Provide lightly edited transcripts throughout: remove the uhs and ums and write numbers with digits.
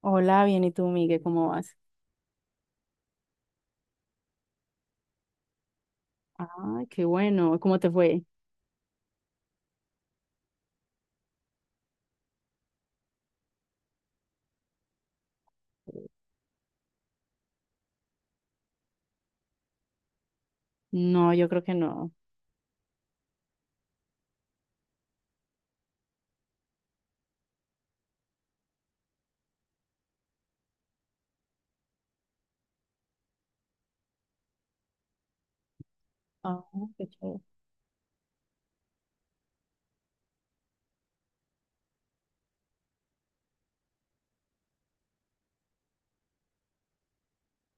Hola, bien, ¿y tú, Miguel? ¿Cómo vas? Ah, qué bueno. ¿Cómo te fue? No, yo creo que no. Ah, qué chévere.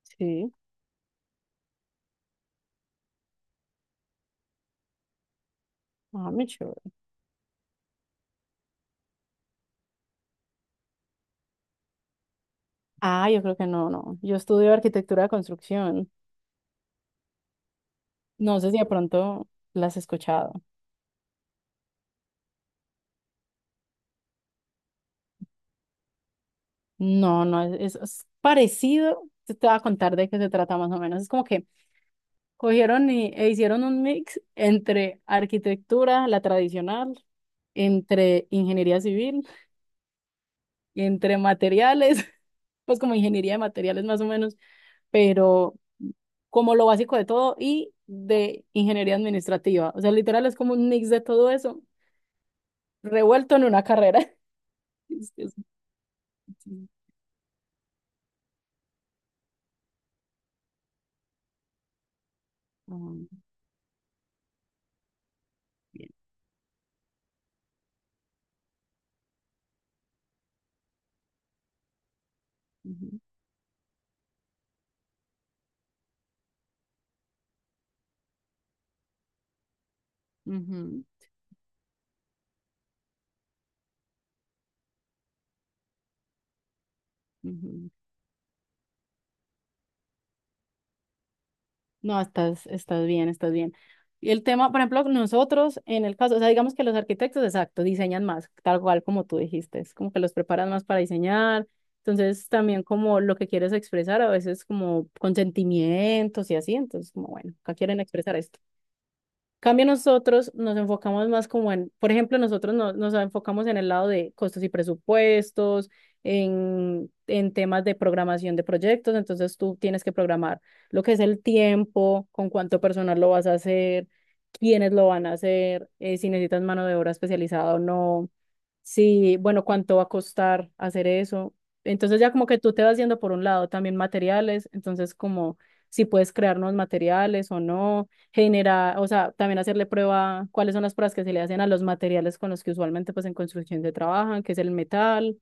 Sí. Ah, muy chévere. Ah, yo creo que no, no. Yo estudio arquitectura de construcción. No sé si de pronto la has escuchado. No, no, es, es parecido. Te voy a contar de qué se trata más o menos. Es como que cogieron y, e hicieron un mix entre arquitectura, la tradicional, entre ingeniería civil, entre materiales, pues como ingeniería de materiales más o menos pero como lo básico de todo y de ingeniería administrativa. O sea, literal es como un mix de todo eso, revuelto en una carrera. Es que es- sí. Ah, bien. Ujú, ujú, ujú. No, estás, estás bien, estás bien. Y el tema, por ejemplo, nosotros en el caso, o sea, digamos que los arquitectos, exacto, diseñan más, tal cual como tú dijiste, es como que los preparan más para diseñar. Entonces, también como lo que quieres expresar, a veces como consentimientos y así, entonces como bueno, acá quieren expresar esto. Cambio nosotros nos enfocamos más como en, por ejemplo, nosotros nos enfocamos en el lado de costos y presupuestos, en temas de programación de proyectos, entonces tú tienes que programar lo que es el tiempo, con cuánto personal lo vas a hacer, quiénes lo van a hacer, si necesitas mano de obra especializada o no. Sí, bueno, ¿cuánto va a costar hacer eso? Entonces ya como que tú te vas yendo por un lado también materiales, entonces como si puedes crear nuevos materiales o no, generar, o sea, también hacerle prueba cuáles son las pruebas que se le hacen a los materiales con los que usualmente pues en construcción se trabajan, que es el metal,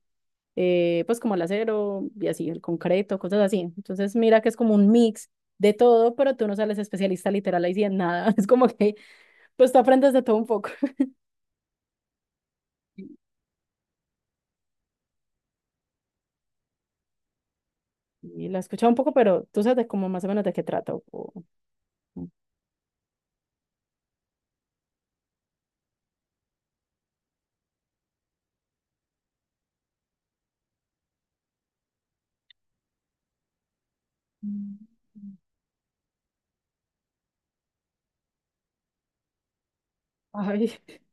pues como el acero y así, el concreto, cosas así. Entonces mira que es como un mix de todo, pero tú no sales especialista literal ahí sí en nada, es como que pues tú aprendes de todo un poco. Y la he escuchado un poco, pero tú sabes de cómo más o menos de qué trata. Ay,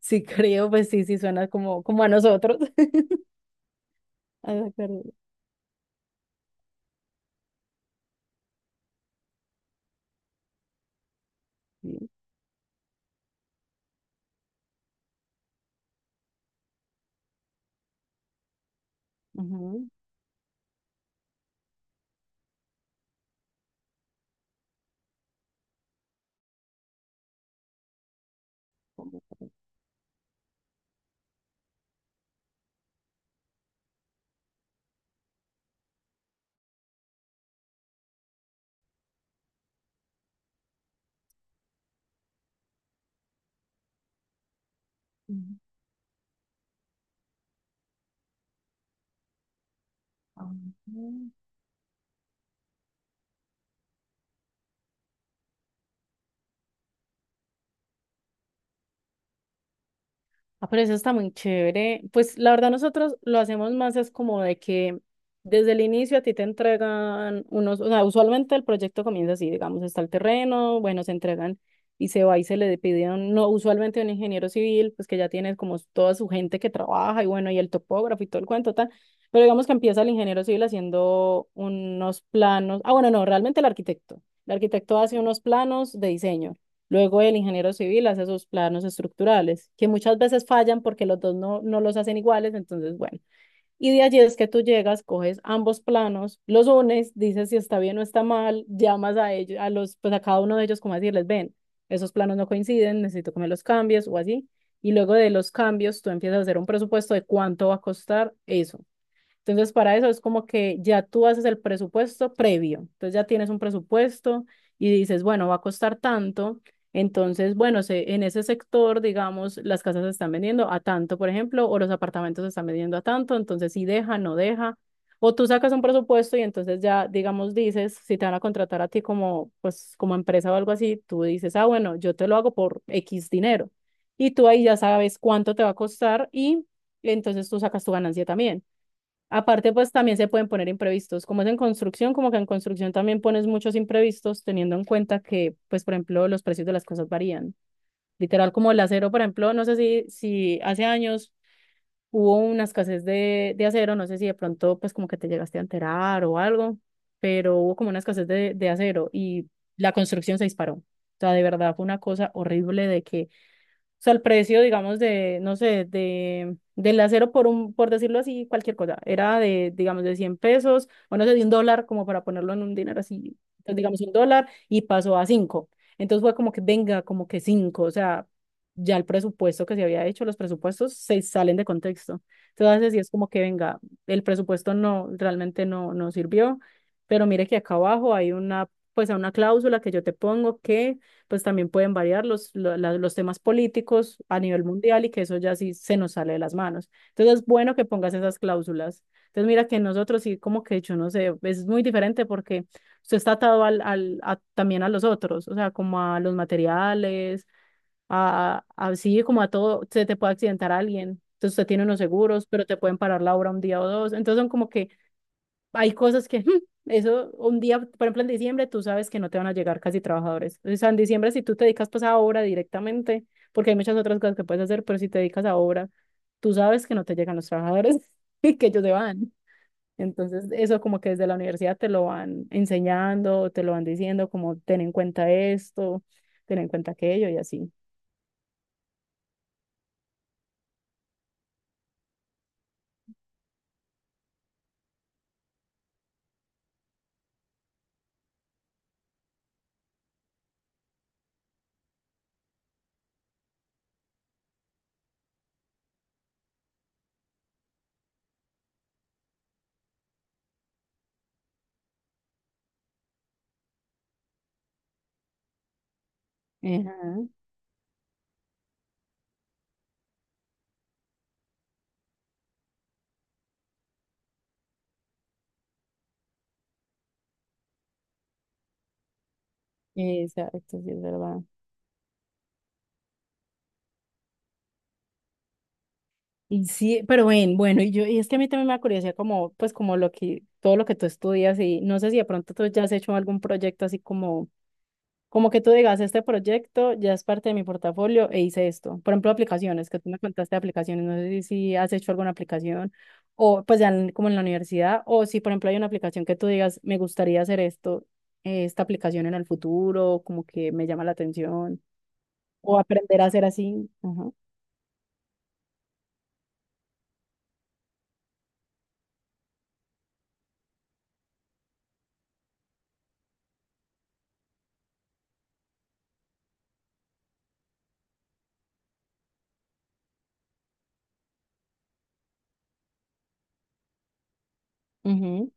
sí creo, pues sí, sí suena como, como a nosotros. A la sí. Ujú. Ujú. Ah. Ah, pero eso está muy chévere. Pues la verdad nosotros lo hacemos más es como de que desde el inicio a ti te entregan unos, o sea, usualmente el proyecto comienza así, digamos, está el terreno, bueno, se entregan y se va y se le pide, a no, usualmente a un ingeniero civil, pues que ya tiene como toda su gente que trabaja y bueno, y el topógrafo y todo el cuento tal, pero digamos que empieza el ingeniero civil haciendo unos planos, ah, bueno, no, realmente el arquitecto. El arquitecto hace unos planos de diseño. Luego el ingeniero civil hace sus planos estructurales, que muchas veces fallan porque los dos no, no los hacen iguales, entonces bueno. Y de allí es que tú llegas, coges ambos planos, los unes, dices si está bien o está mal, llamas a ellos, a los, pues a cada uno de ellos como a decirles, ven, esos planos no coinciden, necesito que me los cambies o así. Y luego de los cambios tú empiezas a hacer un presupuesto de cuánto va a costar eso. Entonces, para eso es como que ya tú haces el presupuesto previo. Entonces, ya tienes un presupuesto y dices, bueno, va a costar tanto. Entonces, bueno, se, en ese sector, digamos, las casas se están vendiendo a tanto, por ejemplo, o los apartamentos se están vendiendo a tanto. Entonces, si deja, no deja. O tú sacas un presupuesto y entonces ya, digamos, dices, si te van a contratar a ti como, pues, como empresa o algo así, tú dices, ah, bueno, yo te lo hago por X dinero. Y tú ahí ya sabes cuánto te va a costar y entonces tú sacas tu ganancia también. Aparte, pues también se pueden poner imprevistos. Como es en construcción, como que en construcción también pones muchos imprevistos, teniendo en cuenta que, pues, por ejemplo, los precios de las cosas varían. Literal, como el acero, por ejemplo, no sé si, si hace años hubo una escasez de acero, no sé si de pronto, pues, como que te llegaste a enterar o algo, pero hubo como una escasez de acero y la construcción se disparó. O sea, de verdad fue una cosa horrible de que o sea, el precio, digamos, de, no sé, de, del acero por un, por decirlo así, cualquier cosa, era de, digamos, de 100 pesos, o no sé, de un dólar, como para ponerlo en un dinero así, entonces, digamos, un dólar, y pasó a cinco. Entonces fue como que, venga, como que cinco, o sea, ya el presupuesto que se había hecho, los presupuestos se salen de contexto. Entonces, sí es como que, venga, el presupuesto no, realmente no, no sirvió, pero mire que acá abajo hay una, pues, una cláusula que yo te pongo que pues también pueden variar los, los temas políticos a nivel mundial y que eso ya sí se nos sale de las manos. Entonces es bueno que pongas esas cláusulas. Entonces mira que nosotros sí como que yo no sé, es muy diferente porque usted está atado al, al también a los otros, o sea, como a los materiales, a sí, como a todo, se te puede accidentar alguien. Entonces usted tiene unos seguros, pero te pueden parar la obra un día o dos. Entonces son como que hay cosas que, eso, un día, por ejemplo, en diciembre, tú sabes que no te van a llegar casi trabajadores. O sea, en diciembre, si tú te dedicas pues a obra directamente, porque hay muchas otras cosas que puedes hacer, pero si te dedicas a obra, tú sabes que no te llegan los trabajadores y que ellos se van. Entonces, eso como que desde la universidad te lo van enseñando, te lo van diciendo, como ten en cuenta esto, ten en cuenta aquello y así. Ajá, exacto, sí, es verdad. Y sí, pero ven, bueno, y yo, y es que a mí también me da curiosidad como, pues como lo que, todo lo que tú estudias y no sé si de pronto tú ya has hecho algún proyecto así como, como que tú digas, este proyecto ya es parte de mi portafolio e hice esto. Por ejemplo, aplicaciones, que tú me contaste de aplicaciones, no sé si, si has hecho alguna aplicación o pues ya como en la universidad o si por ejemplo hay una aplicación que tú digas, me gustaría hacer esto, esta aplicación en el futuro, como que me llama la atención o aprender a hacer así. Ajá. Ujú.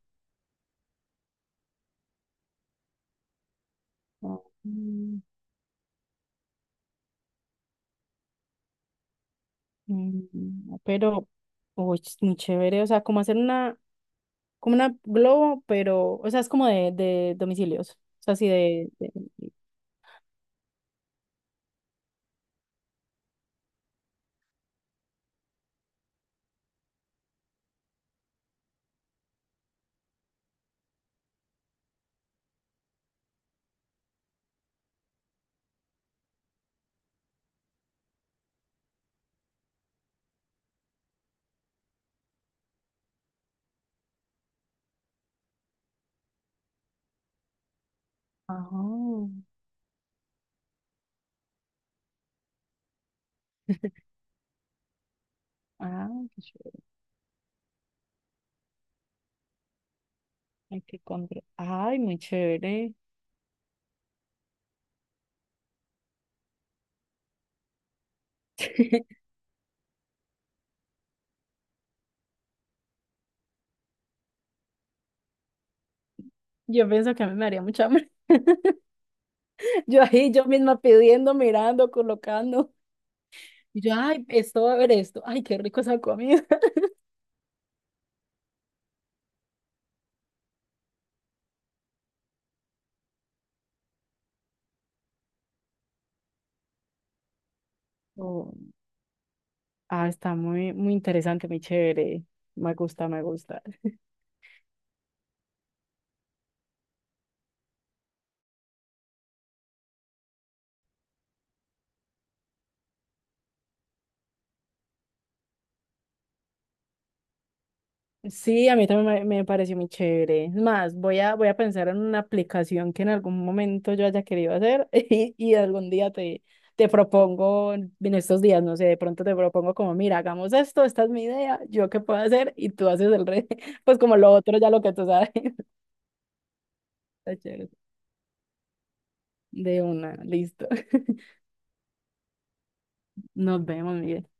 Oh. Mm, pero, uy, es muy chévere, o sea, como hacer una, como una globo, pero, o sea, es como de domicilios, o sea, así de, Ah, ah, qué chévere, ay, ay, muy chévere. Yo pienso que a mí me haría mucha hambre. Yo ahí, yo misma pidiendo, mirando, colocando. Y yo, ay, esto va a ver esto. Ay, qué rico esa comida. Oh, ah, está muy, muy interesante, muy chévere. Me gusta, me gusta. Sí, a mí también me pareció muy chévere. Es más, voy a, voy a pensar en una aplicación que en algún momento yo haya querido hacer y algún día te, te propongo, en estos días, no sé, de pronto te propongo como, mira, hagamos esto, esta es mi idea, yo qué puedo hacer y tú haces el resto, pues como lo otro ya lo que tú sabes. Está chévere. De una, listo. Nos vemos, Miguel.